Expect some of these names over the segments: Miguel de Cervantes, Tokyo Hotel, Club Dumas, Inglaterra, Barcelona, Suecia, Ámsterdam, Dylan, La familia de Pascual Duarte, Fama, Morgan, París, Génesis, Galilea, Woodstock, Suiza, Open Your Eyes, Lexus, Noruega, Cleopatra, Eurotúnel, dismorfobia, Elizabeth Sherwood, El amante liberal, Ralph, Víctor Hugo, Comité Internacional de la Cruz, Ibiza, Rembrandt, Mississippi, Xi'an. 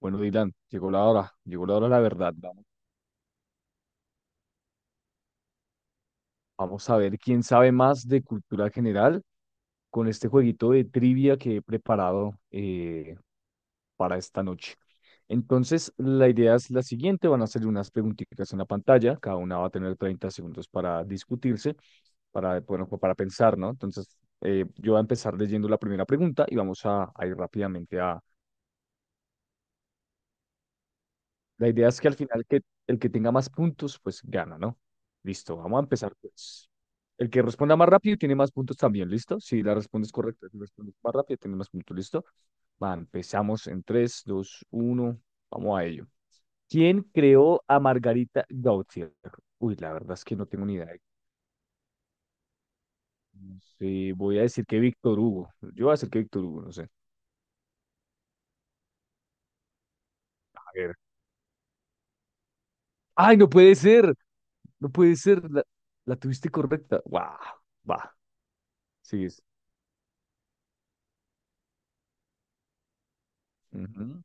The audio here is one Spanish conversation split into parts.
Bueno, Dylan, llegó la hora de la verdad. Vamos, vamos a ver quién sabe más de cultura general con este jueguito de trivia que he preparado para esta noche. Entonces, la idea es la siguiente, van a hacer unas preguntitas en la pantalla, cada una va a tener 30 segundos para discutirse, para, bueno, pues para pensar, ¿no? Entonces, yo voy a empezar leyendo la primera pregunta y vamos a ir rápidamente a. La idea es que al final que el que tenga más puntos, pues gana, ¿no? Listo, vamos a empezar pues. El que responda más rápido tiene más puntos también, ¿listo? Si la respondes correcta, si respondes más rápido, tiene más puntos, ¿listo? Va, empezamos en 3 2 1, vamos a ello. ¿Quién creó a Margarita Gautier? Uy, la verdad es que no tengo ni idea. No sé, voy a decir que Víctor Hugo. Yo voy a decir que Víctor Hugo, no sé. A ver. ¡Ay, no puede ser! No puede ser. La tuviste correcta. ¡Wow! Va. Sí, ujú.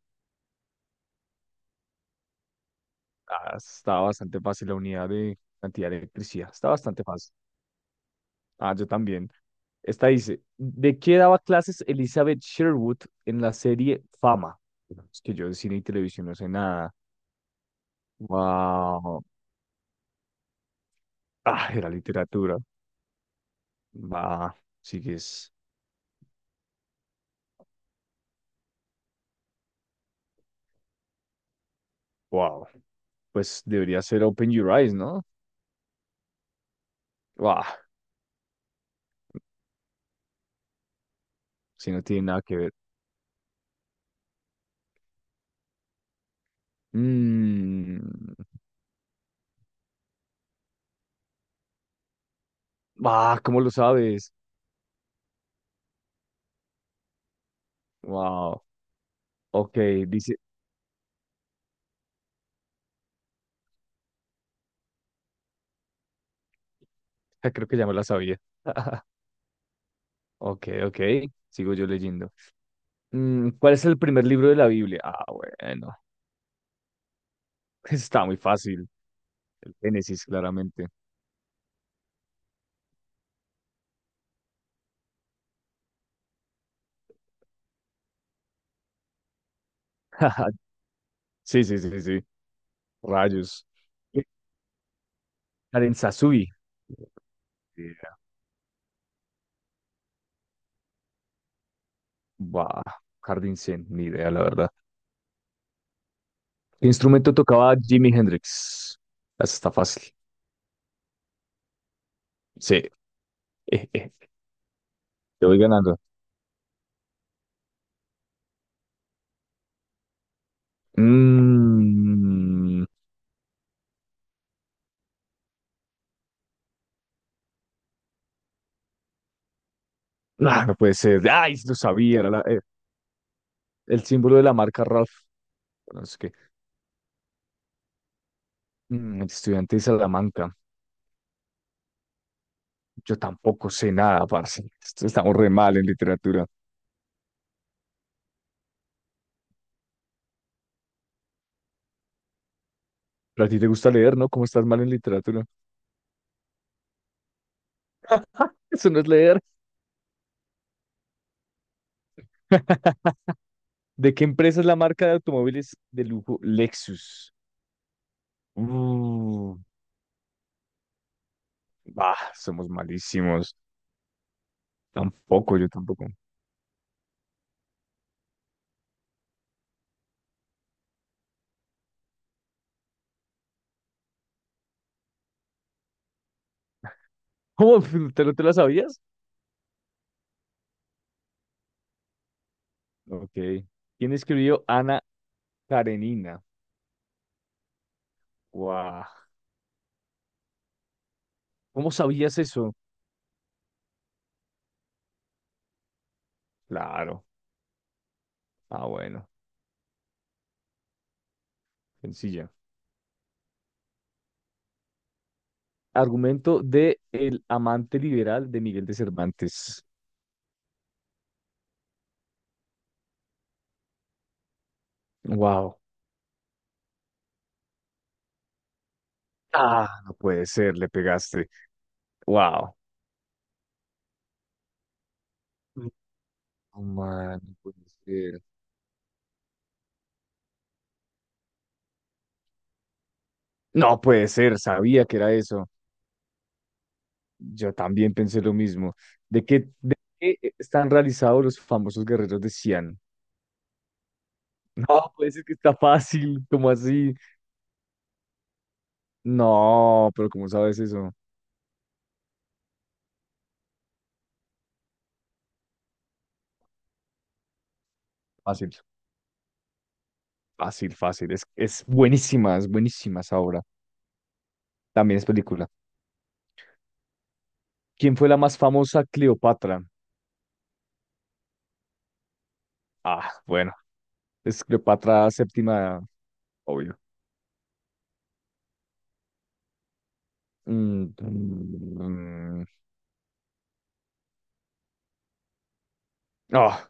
Ah, está bastante fácil la unidad de cantidad de electricidad. Está bastante fácil. Ah, yo también. Esta dice, ¿de qué daba clases Elizabeth Sherwood en la serie Fama? Bueno, es que yo de cine y televisión no sé nada. Wow. Ah, era literatura. Va, sigues. Wow. Pues debería ser Open Your Eyes, ¿no? Wow. Si no tiene nada que ver. Mmm. Ah, ¿cómo lo sabes? Wow. Ok, dice, creo que ya me la sabía. Ok, ok. Sigo yo leyendo. ¿Cuál es el primer libro de la Biblia? Ah, bueno. Está muy fácil. El Génesis, claramente. Sí, sí, sí, sí. Rayos. Karen Sasui. Buah, Jardín Zen, ni idea, la verdad. ¿Qué instrumento tocaba Jimi Hendrix? Esa está fácil. Sí. Eh, eh, te voy ganando. Mm, ah, no puede ser. Ay, lo sabía. El símbolo de la marca Ralph. No sé qué. Mm, el estudiante de Salamanca. Yo tampoco sé nada, parce. Estamos re mal en literatura. Pero a ti te gusta leer, ¿no? ¿Cómo estás mal en literatura? Eso no es leer. ¿De qué empresa es la marca de automóviles de lujo Lexus? Uh, bah, somos malísimos. Tampoco, yo tampoco. ¿Cómo? ¿Te lo sabías? Ok. ¿Quién escribió Ana Karenina? Guau. ¿Cómo sabías eso? Claro. Ah, bueno. Sencilla. Argumento de El amante liberal de Miguel de Cervantes. Wow. Ah, no puede ser, le pegaste. Wow. No, man, no puede ser. No puede ser, sabía que era eso. Yo también pensé lo mismo. ¿De qué están realizados los famosos guerreros de Xi'an? No, ¿puede ser que está fácil, como así? No, pero ¿cómo sabes eso? Fácil, fácil, fácil. Es buenísima esa obra. También es película. ¿Quién fue la más famosa Cleopatra? Ah, bueno, es Cleopatra VII, obvio. Mm, mm, ah,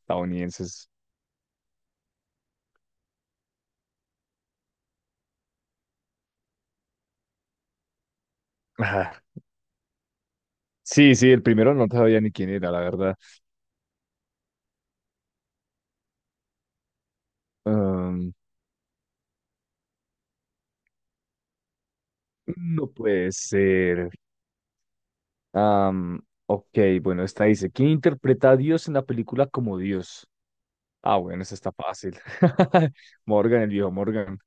estadounidenses. Ah, sí, sí, el primero no sabía ni quién era, la verdad. Um, no puede ser. Am, ok, bueno, esta dice, ¿quién interpreta a Dios en la película como Dios? Ah, bueno, esa está fácil. Morgan, el viejo Morgan.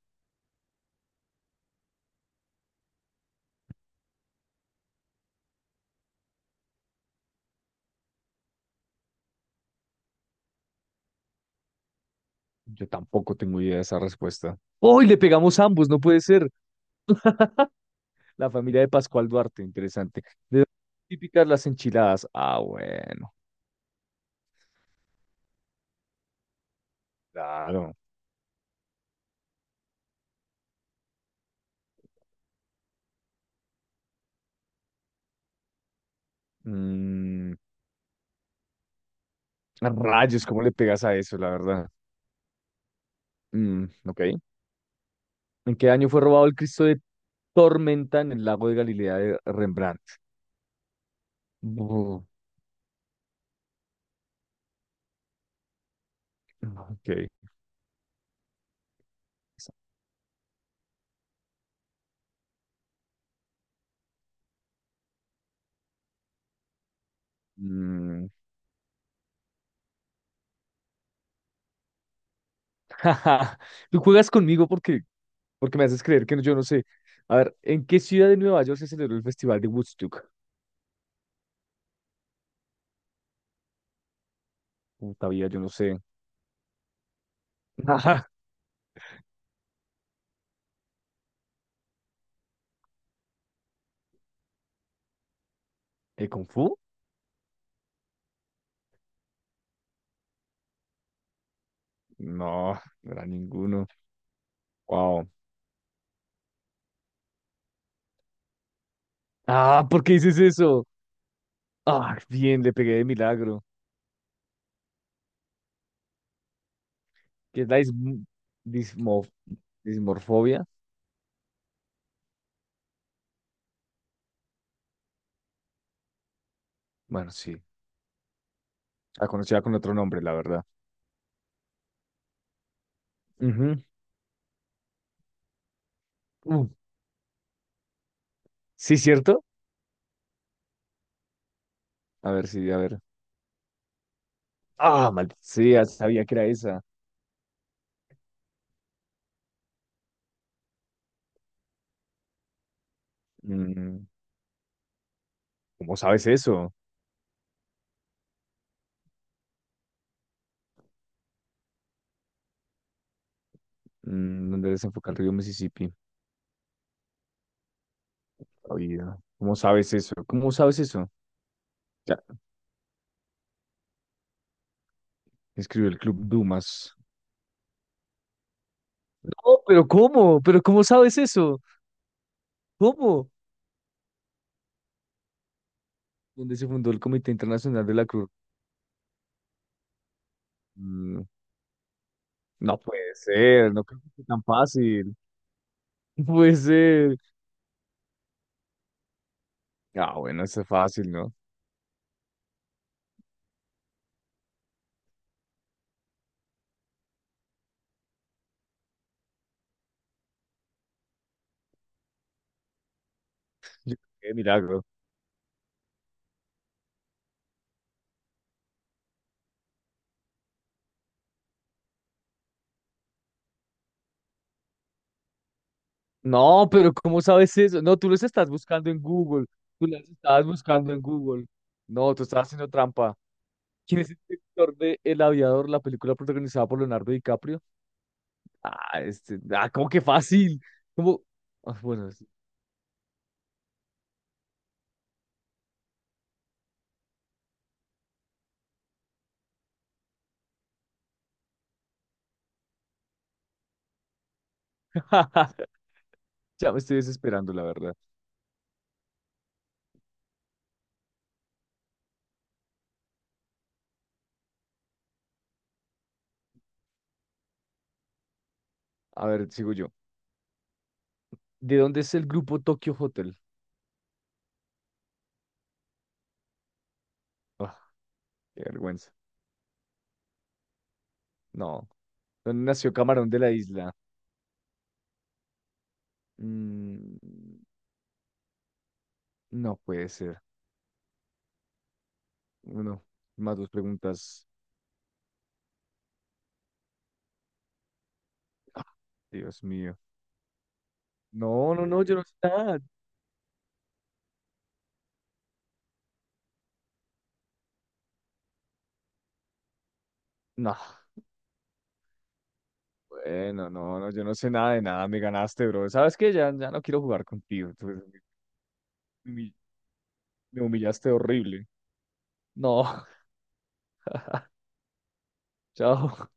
Yo tampoco tengo idea de esa respuesta. ¡Oh, y le pegamos ambos! No puede ser. La familia de Pascual Duarte, interesante. ¿De dónde son típicas las enchiladas? Ah, bueno, claro. Mm, rayos, ¿cómo le pegas a eso, la verdad? Mm, ok. ¿En qué año fue robado el Cristo de Tormenta en el lago de Galilea de Rembrandt? Bu- ok. Mm, tú juegas conmigo porque me haces creer que yo no sé. A ver, ¿en qué ciudad de Nueva York se celebró el Festival de Woodstock? Puta vida, yo no sé. Ajá. ¿Eh, Kung Fu? No, no era ninguno. Wow. Ah, ¿por qué dices eso? Ah, bien, le pegué de milagro. ¿Qué es la dism- dismo- ¿dismorfobia? Bueno, sí. La conocía con otro nombre, la verdad. Ujú. Uh, ¿Sí, cierto? A ver, sí, a ver. Ah, maldita sea, sabía que era esa. Mm, ¿cómo sabes eso? Mm, ¿dónde desemboca el río Mississippi? Oído. ¿Cómo sabes eso? ¿Cómo sabes eso? Ya, escribió el Club Dumas. No, pero ¿cómo? ¿Pero cómo sabes eso? ¿Cómo? Donde se fundó el Comité Internacional de la Cruz. Mm, no puede ser, no creo que sea tan fácil. No puede ser. Ah, bueno, eso es fácil, ¿no? Yo- qué milagro. No, pero ¿cómo sabes eso? No, tú los estás buscando en Google. Tú las estabas buscando en Google. No, tú estás haciendo trampa. ¿Quién es el director de El Aviador, la película protagonizada por Leonardo DiCaprio? Ah, ¿cómo que fácil? ¿Cómo? Ah, bueno, sí. Ya me estoy desesperando, la verdad. A ver, sigo yo. ¿De dónde es el grupo Tokyo Hotel? Ah, qué vergüenza. No. ¿Dónde nació Camarón de la Isla? Mm, no puede ser. Uno, más dos preguntas. Ah, Dios mío. No, no, no, yo no sé nada. No, bueno, no, no, yo no sé nada de nada. Me ganaste, bro. ¿Sabes qué? Ya, ya no quiero jugar contigo. Me me humillaste horrible. No, chao.